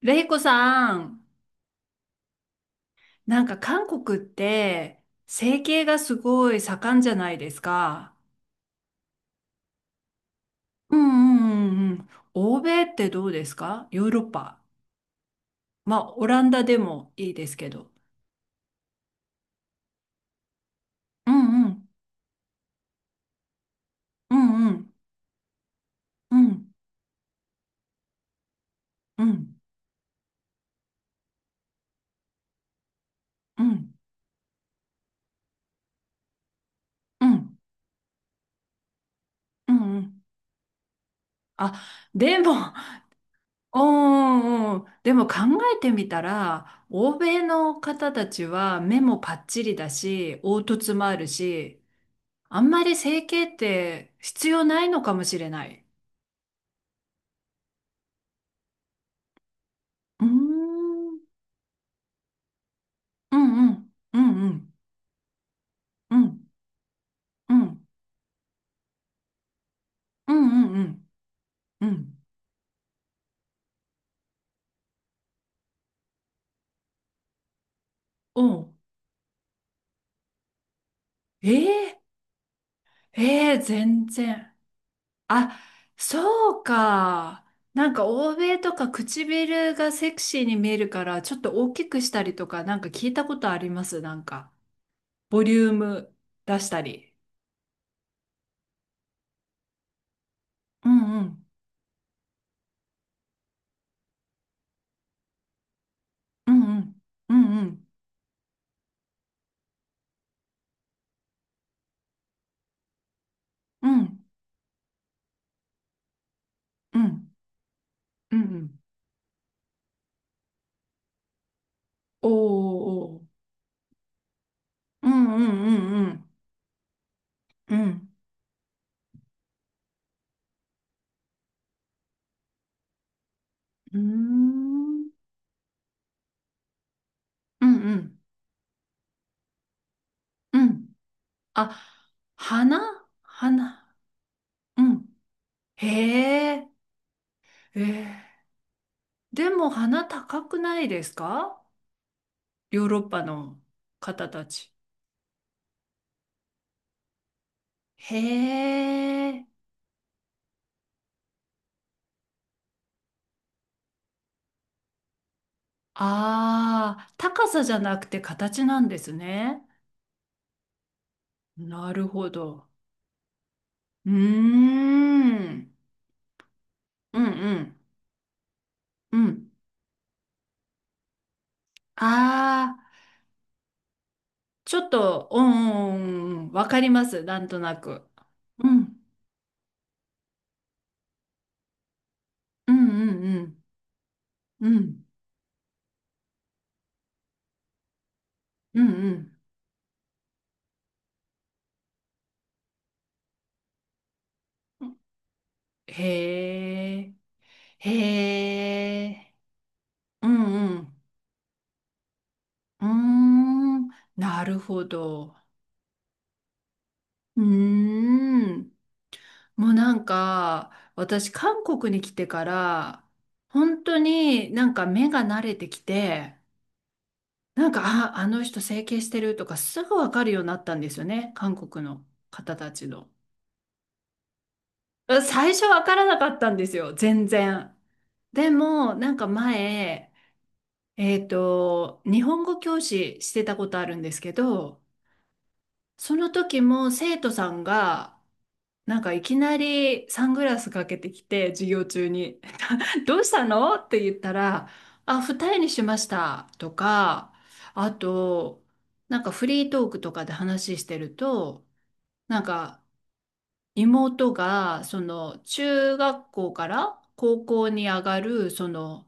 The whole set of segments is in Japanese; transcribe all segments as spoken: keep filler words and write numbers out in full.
レイコさん、なんか韓国って整形がすごい盛んじゃないですか。うんうんうんうん。欧米ってどうですかヨーロッパ。まあ、オランダでもいいですけど。うんうん。うんうんうんうんうんうんうんうん。あ、でも、うんうんうん。でも考えてみたら、欧米の方たちは目もパッチリだし、凹凸もあるし、あんまり整形って必要ないのかもしれない。うーん。うんうん。うんうん。うんうん。うんうんうん。うんおうえー、ええ全然。あ、そうか。なんか欧米とか唇がセクシーに見えるからちょっと大きくしたりとかなんか聞いたことあります。なんかボリューム出したり。うんうん。うんうん。うんうん。うんうん。うんうん。おーおーうんうんうんうん。うん。うーん。うんうんうん。あ、花花。うん。へえ。ええ。でも花高くないですかヨーロッパの方たち。へえ。ああ、高さじゃなくて形なんですね。なるほど。うーん。うんうん。うん。ああ。ちょっと、うんうんうん、わかります、なんとなく。うん、うん、うん、うん、うん、うん、うん。へえ、へえ、うん、うん、うーん、なるほど。うーん、もうなんか、私、韓国に来てから、本当になんか目が慣れてきて、なんか、あ、あの人整形してるとかすぐわかるようになったんですよね、韓国の方たちの。うん、最初わからなかったんですよ、全然。でも、なんか前、えっと、日本語教師してたことあるんですけど、その時も生徒さんが、なんかいきなりサングラスかけてきて、授業中に、どうしたのって言ったら、あ、二重にしましたとか、あと、なんかフリートークとかで話してると、なんか、妹が、その、中学校から高校に上がる、その、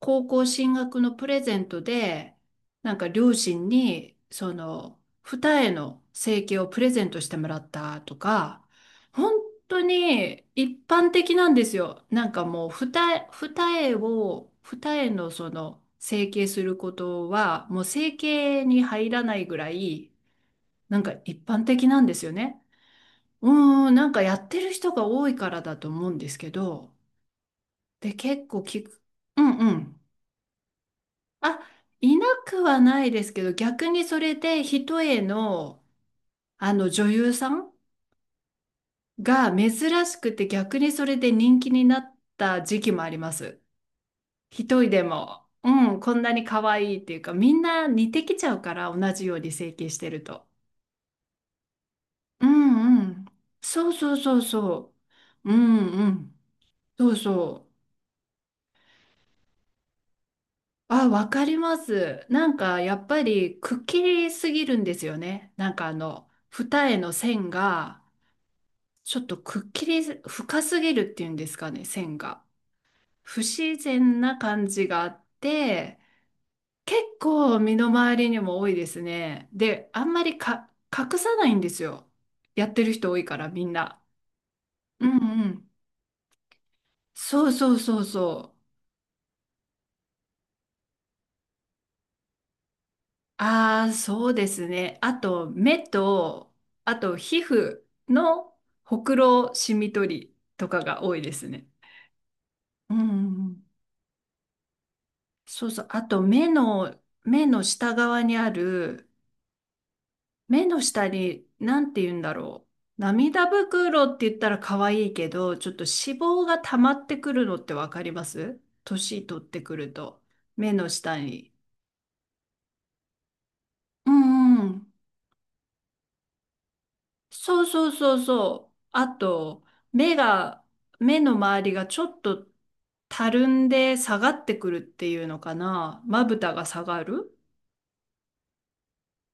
高校進学のプレゼントで、なんか両親に、その、二重の整形をプレゼントしてもらったとか、本当に一般的なんですよ。なんかもう、二重、二重を、二重のその、整形することは、もう整形に入らないぐらい、なんか一般的なんですよね。うーん、なんかやってる人が多いからだと思うんですけど、で、結構聞く。うんうん。あ、いなくはないですけど、逆にそれで一重の、あの女優さんが珍しくて逆にそれで人気になった時期もあります。一重でも。うん、こんなに可愛いっていうか、みんな似てきちゃうから、同じように整形してると。うんうん。そうそうそうそう。うんうん。そうそう。あ、わかります。なんかやっぱりくっきりすぎるんですよね。なんかあの二重の線がちょっとくっきり深すぎるっていうんですかね、線が。不自然な感じがあって、結構身の回りにも多いですね。で、あんまりか隠さないんですよ。やってる人多いからみんな。うんうん。そうそうそうそう。ああ、そうですね。あと、目と、あと、皮膚のほくろシミ取りとかが多いですね。うんうんうん。そうそう。あと、目の、目の下側にある、目の下に、なんて言うんだろう。涙袋って言ったら可愛いけど、ちょっと脂肪が溜まってくるのってわかります年取ってくると。目の下に。うんうん。そうそうそうそう。あと、目が、目の周りがちょっとたるんで下がってくるっていうのかな。まぶたが下がる。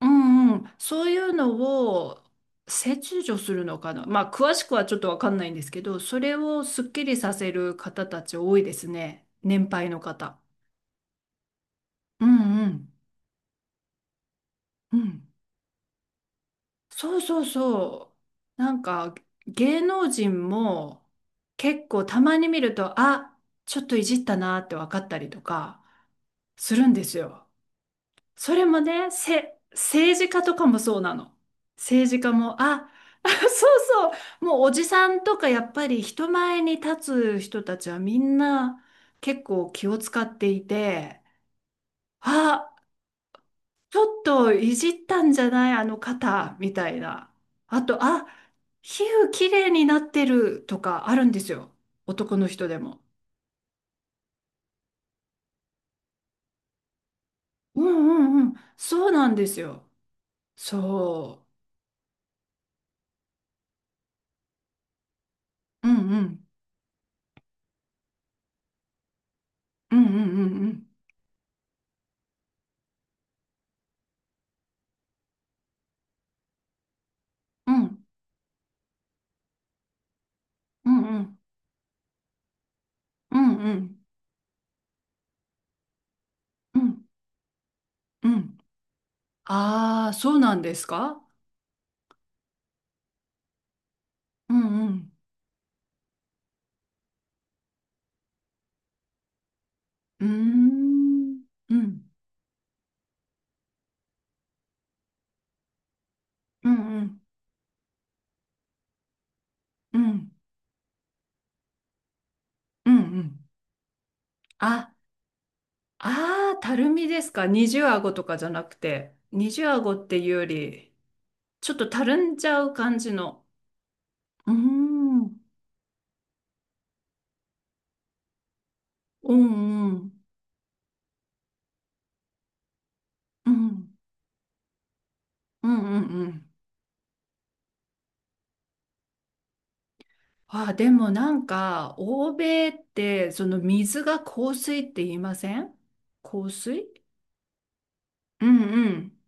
うんうん。そういうのを切除するのかな。まあ、詳しくはちょっとわかんないんですけど、それをすっきりさせる方たち多いですね。年配の方。うんうん。うん。そうそうそう。なんか芸能人も結構たまに見ると、あ、ちょっといじったなって分かったりとかするんですよ。それもね、せ、政治家とかもそうなの。政治家も、あ、あそうそう。もうおじさんとかやっぱり人前に立つ人たちはみんな結構気を使っていて、あ、ちょっといじったんじゃないあの肩みたいな。あと、あ、皮膚きれいになってるとかあるんですよ。男の人でも。うんうんうん。そうなんですよ。そう。うんうん。うんうんうんうん。うんうんうんうんうんうん。ああー、そうなんですかうんうん。うーん。うんうんうんうんうんうん。あああ、たるみですか。二重顎とかじゃなくて。二重顎っていうより、ちょっとたるんじゃう感じの。うーん。うんうん。うん。うんうんうん。あでもなんか、欧米って、その水が硬水って言いません、硬水、うんうん。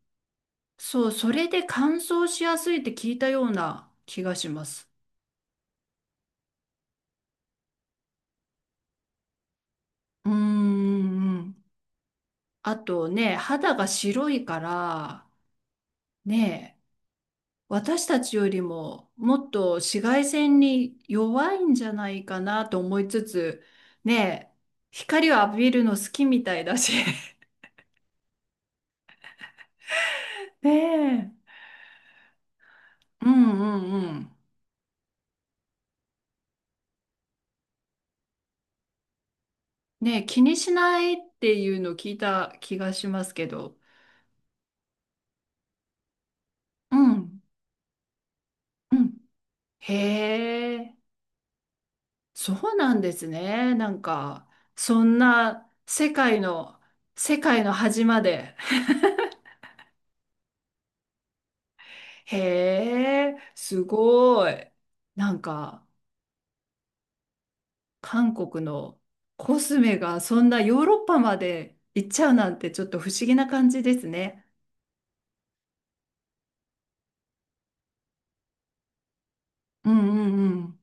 そう、それで乾燥しやすいって聞いたような気がします。うーんうん。あとね、肌が白いから、ねえ、私たちよりももっと紫外線に弱いんじゃないかなと思いつつ、ねえ、光を浴びるの好きみたいだし。ねえ。うんうんうん。ねえ、気にしないっていうの聞いた気がしますけど。うんうんへえ、そうなんですね。なんか、そんな世界の、世界の端まで。へえ、すごい。なんか、韓国のコスメがそんなヨーロッパまで行っちゃうなんてちょっと不思議な感じですね。うんうんうん。